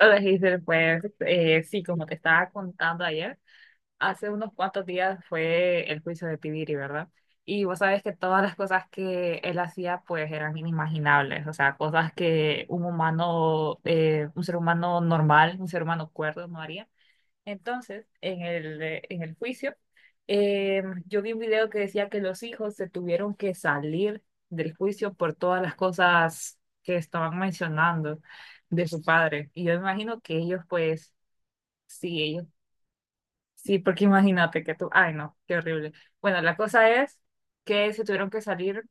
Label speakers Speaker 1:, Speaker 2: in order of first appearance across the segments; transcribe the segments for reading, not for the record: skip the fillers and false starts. Speaker 1: Hola Giselle, pues sí, como te estaba contando ayer, hace unos cuantos días fue el juicio de Pibiri, ¿verdad? Y vos sabés que todas las cosas que él hacía pues eran inimaginables, o sea, cosas que un humano, un ser humano normal, un ser humano cuerdo no haría. Entonces, en el juicio, yo vi un video que decía que los hijos se tuvieron que salir del juicio por todas las cosas que estaban mencionando de su padre. Y yo imagino que ellos, pues, sí, ellos, sí, porque imagínate que tú, ay, no, qué horrible. Bueno, la cosa es que se tuvieron que salir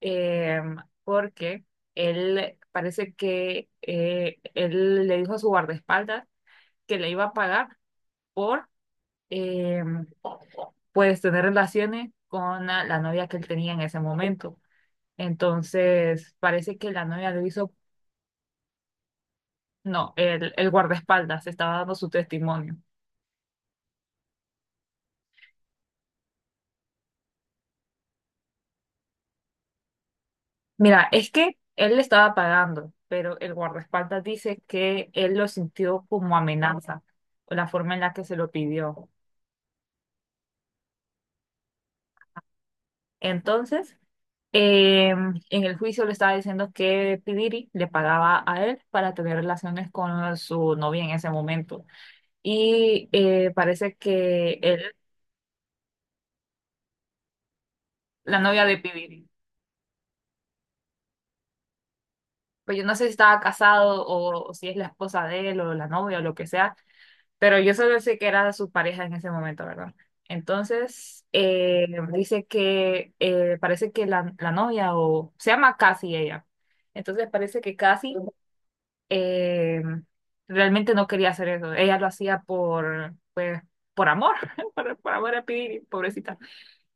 Speaker 1: eh, porque él, parece que él le dijo a su guardaespaldas que le iba a pagar por... em, pues tener relaciones con la novia que él tenía en ese momento. Entonces, parece que la novia lo hizo, no, el guardaespaldas estaba dando su testimonio. Mira, es que él le estaba pagando, pero el guardaespaldas dice que él lo sintió como amenaza, o la forma en la que se lo pidió. Entonces, en el juicio le estaba diciendo que Pidiri le pagaba a él para tener relaciones con su novia en ese momento. Y parece que él la novia de Pibiri. Pues yo no sé si estaba casado o si es la esposa de él o la novia o lo que sea, pero yo solo sé que era su pareja en ese momento, ¿verdad? Entonces, dice que parece que la novia o se llama Cassie ella. Entonces parece que Cassie eh, realmente no quería hacer eso. Ella lo hacía por, pues, por amor, por amor a Pibiri, pobrecita.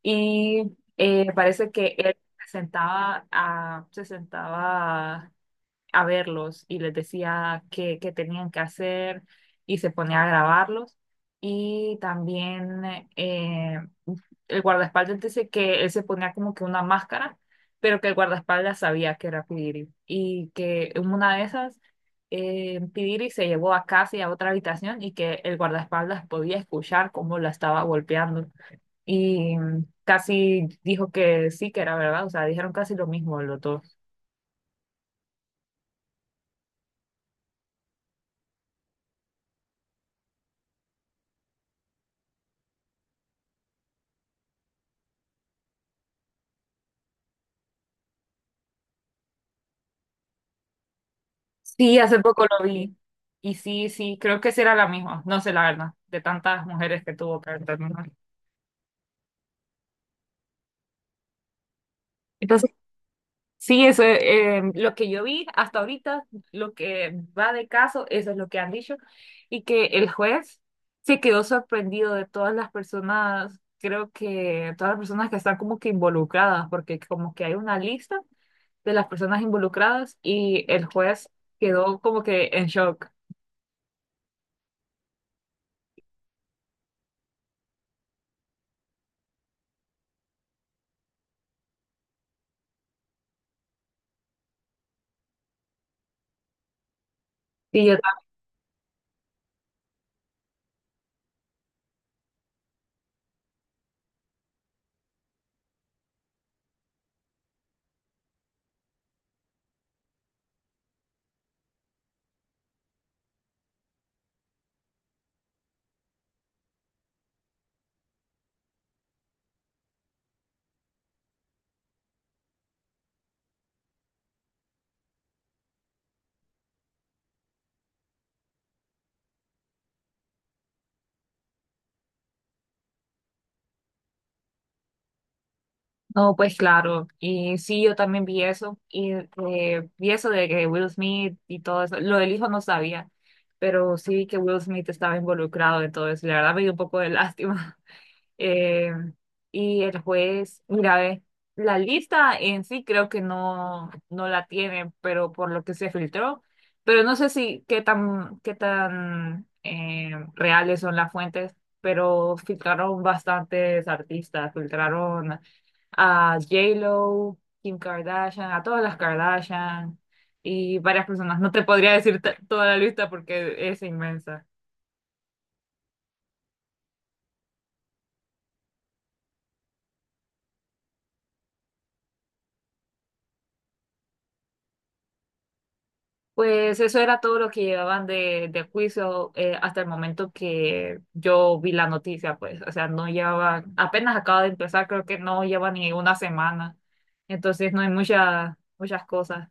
Speaker 1: Y parece que él se sentaba a verlos y les decía qué, qué tenían que hacer y se ponía a grabarlos. Y también eh, el guardaespaldas dice que él se ponía como que una máscara, pero que el guardaespaldas sabía que era Pidiri y que en una de esas Pidiri se llevó a Cassie a otra habitación y que el guardaespaldas podía escuchar cómo la estaba golpeando. Y casi dijo que sí, que era verdad, o sea, dijeron casi lo mismo los dos. Sí, hace poco lo vi. Y sí, sí, creo que sí era la misma. No sé la verdad, de tantas mujeres que tuvo que terminar. Entonces, sí, eso es lo que yo vi hasta ahorita, lo que va de caso, eso es lo que han dicho. Y que el juez se quedó sorprendido de todas las personas, creo que todas las personas que están como que involucradas, porque como que hay una lista de las personas involucradas y el juez quedó como que en shock. Sí. Yo no, pues claro, y sí, yo también vi eso, y vi eso de que Will Smith y todo eso, lo del hijo no sabía, pero sí que Will Smith estaba involucrado en todo eso, y la verdad me dio un poco de lástima. Eh, y el juez, mira, ve, la lista en sí creo que no, no la tiene, pero por lo que se filtró, pero no sé si qué tan, qué tan reales son las fuentes, pero filtraron bastantes artistas, filtraron a J-Lo, Kim Kardashian, a todas las Kardashian y varias personas. No te podría decir toda la lista porque es inmensa. Pues eso era todo lo que llevaban de juicio hasta el momento que yo vi la noticia, pues, o sea, no llevaba, apenas acaba de empezar, creo que no lleva ni una semana, entonces no hay muchas, muchas cosas.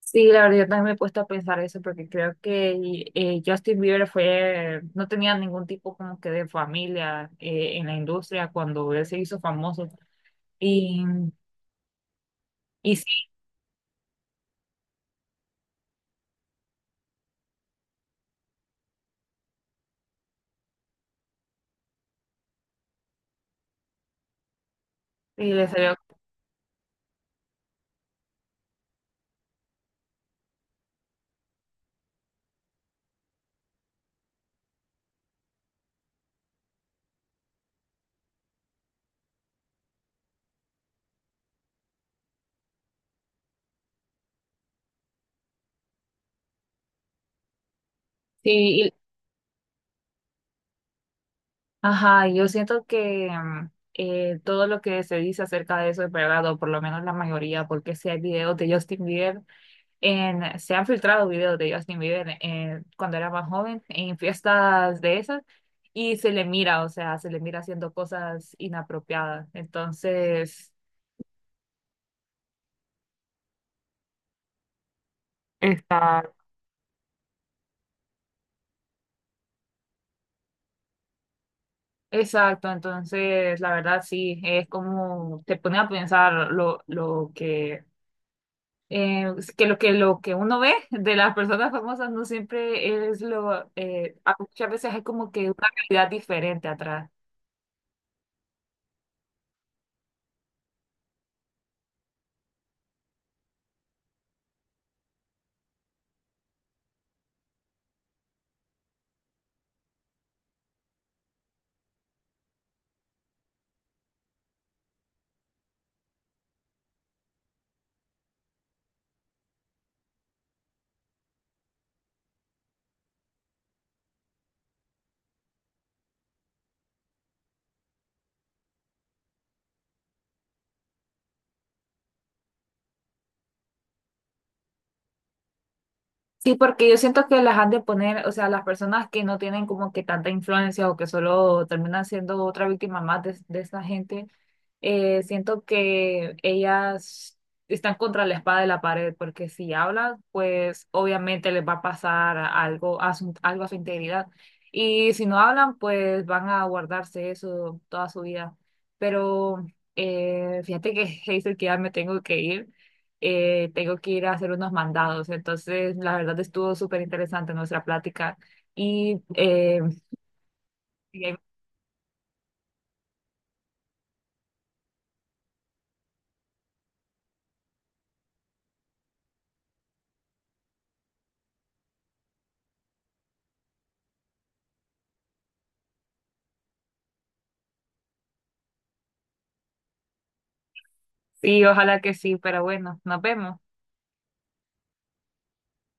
Speaker 1: Sí, la verdad, yo también me he puesto a pensar eso porque creo que Justin Bieber fue, no tenía ningún tipo como que de familia en la industria cuando él se hizo famoso. Y, y sí, y le salió, sí, y- ajá, y yo siento que todo lo que se dice acerca de eso es verdad, o por lo menos la mayoría, porque si hay videos de Justin Bieber en, se han filtrado videos de Justin Bieber cuando era más joven en fiestas de esas y se le mira, o sea, se le mira haciendo cosas inapropiadas. Entonces, está, exacto, entonces la verdad sí, es como te pone a pensar lo eh, que lo que lo que uno ve de las personas famosas no siempre es lo, muchas veces hay como que una realidad diferente atrás. Sí, porque yo siento que las han de poner, o sea, las personas que no tienen como que tanta influencia o que solo terminan siendo otra víctima más de esta gente, siento que ellas están contra la espada de la pared, porque si hablan, pues obviamente les va a pasar algo a su integridad. Y si no hablan, pues van a guardarse eso toda su vida. Pero fíjate que, Hazel, que ya me tengo que ir a hacer unos mandados. Entonces, la verdad estuvo súper interesante nuestra plática. Y sí, sí, ojalá que sí, pero bueno, nos vemos.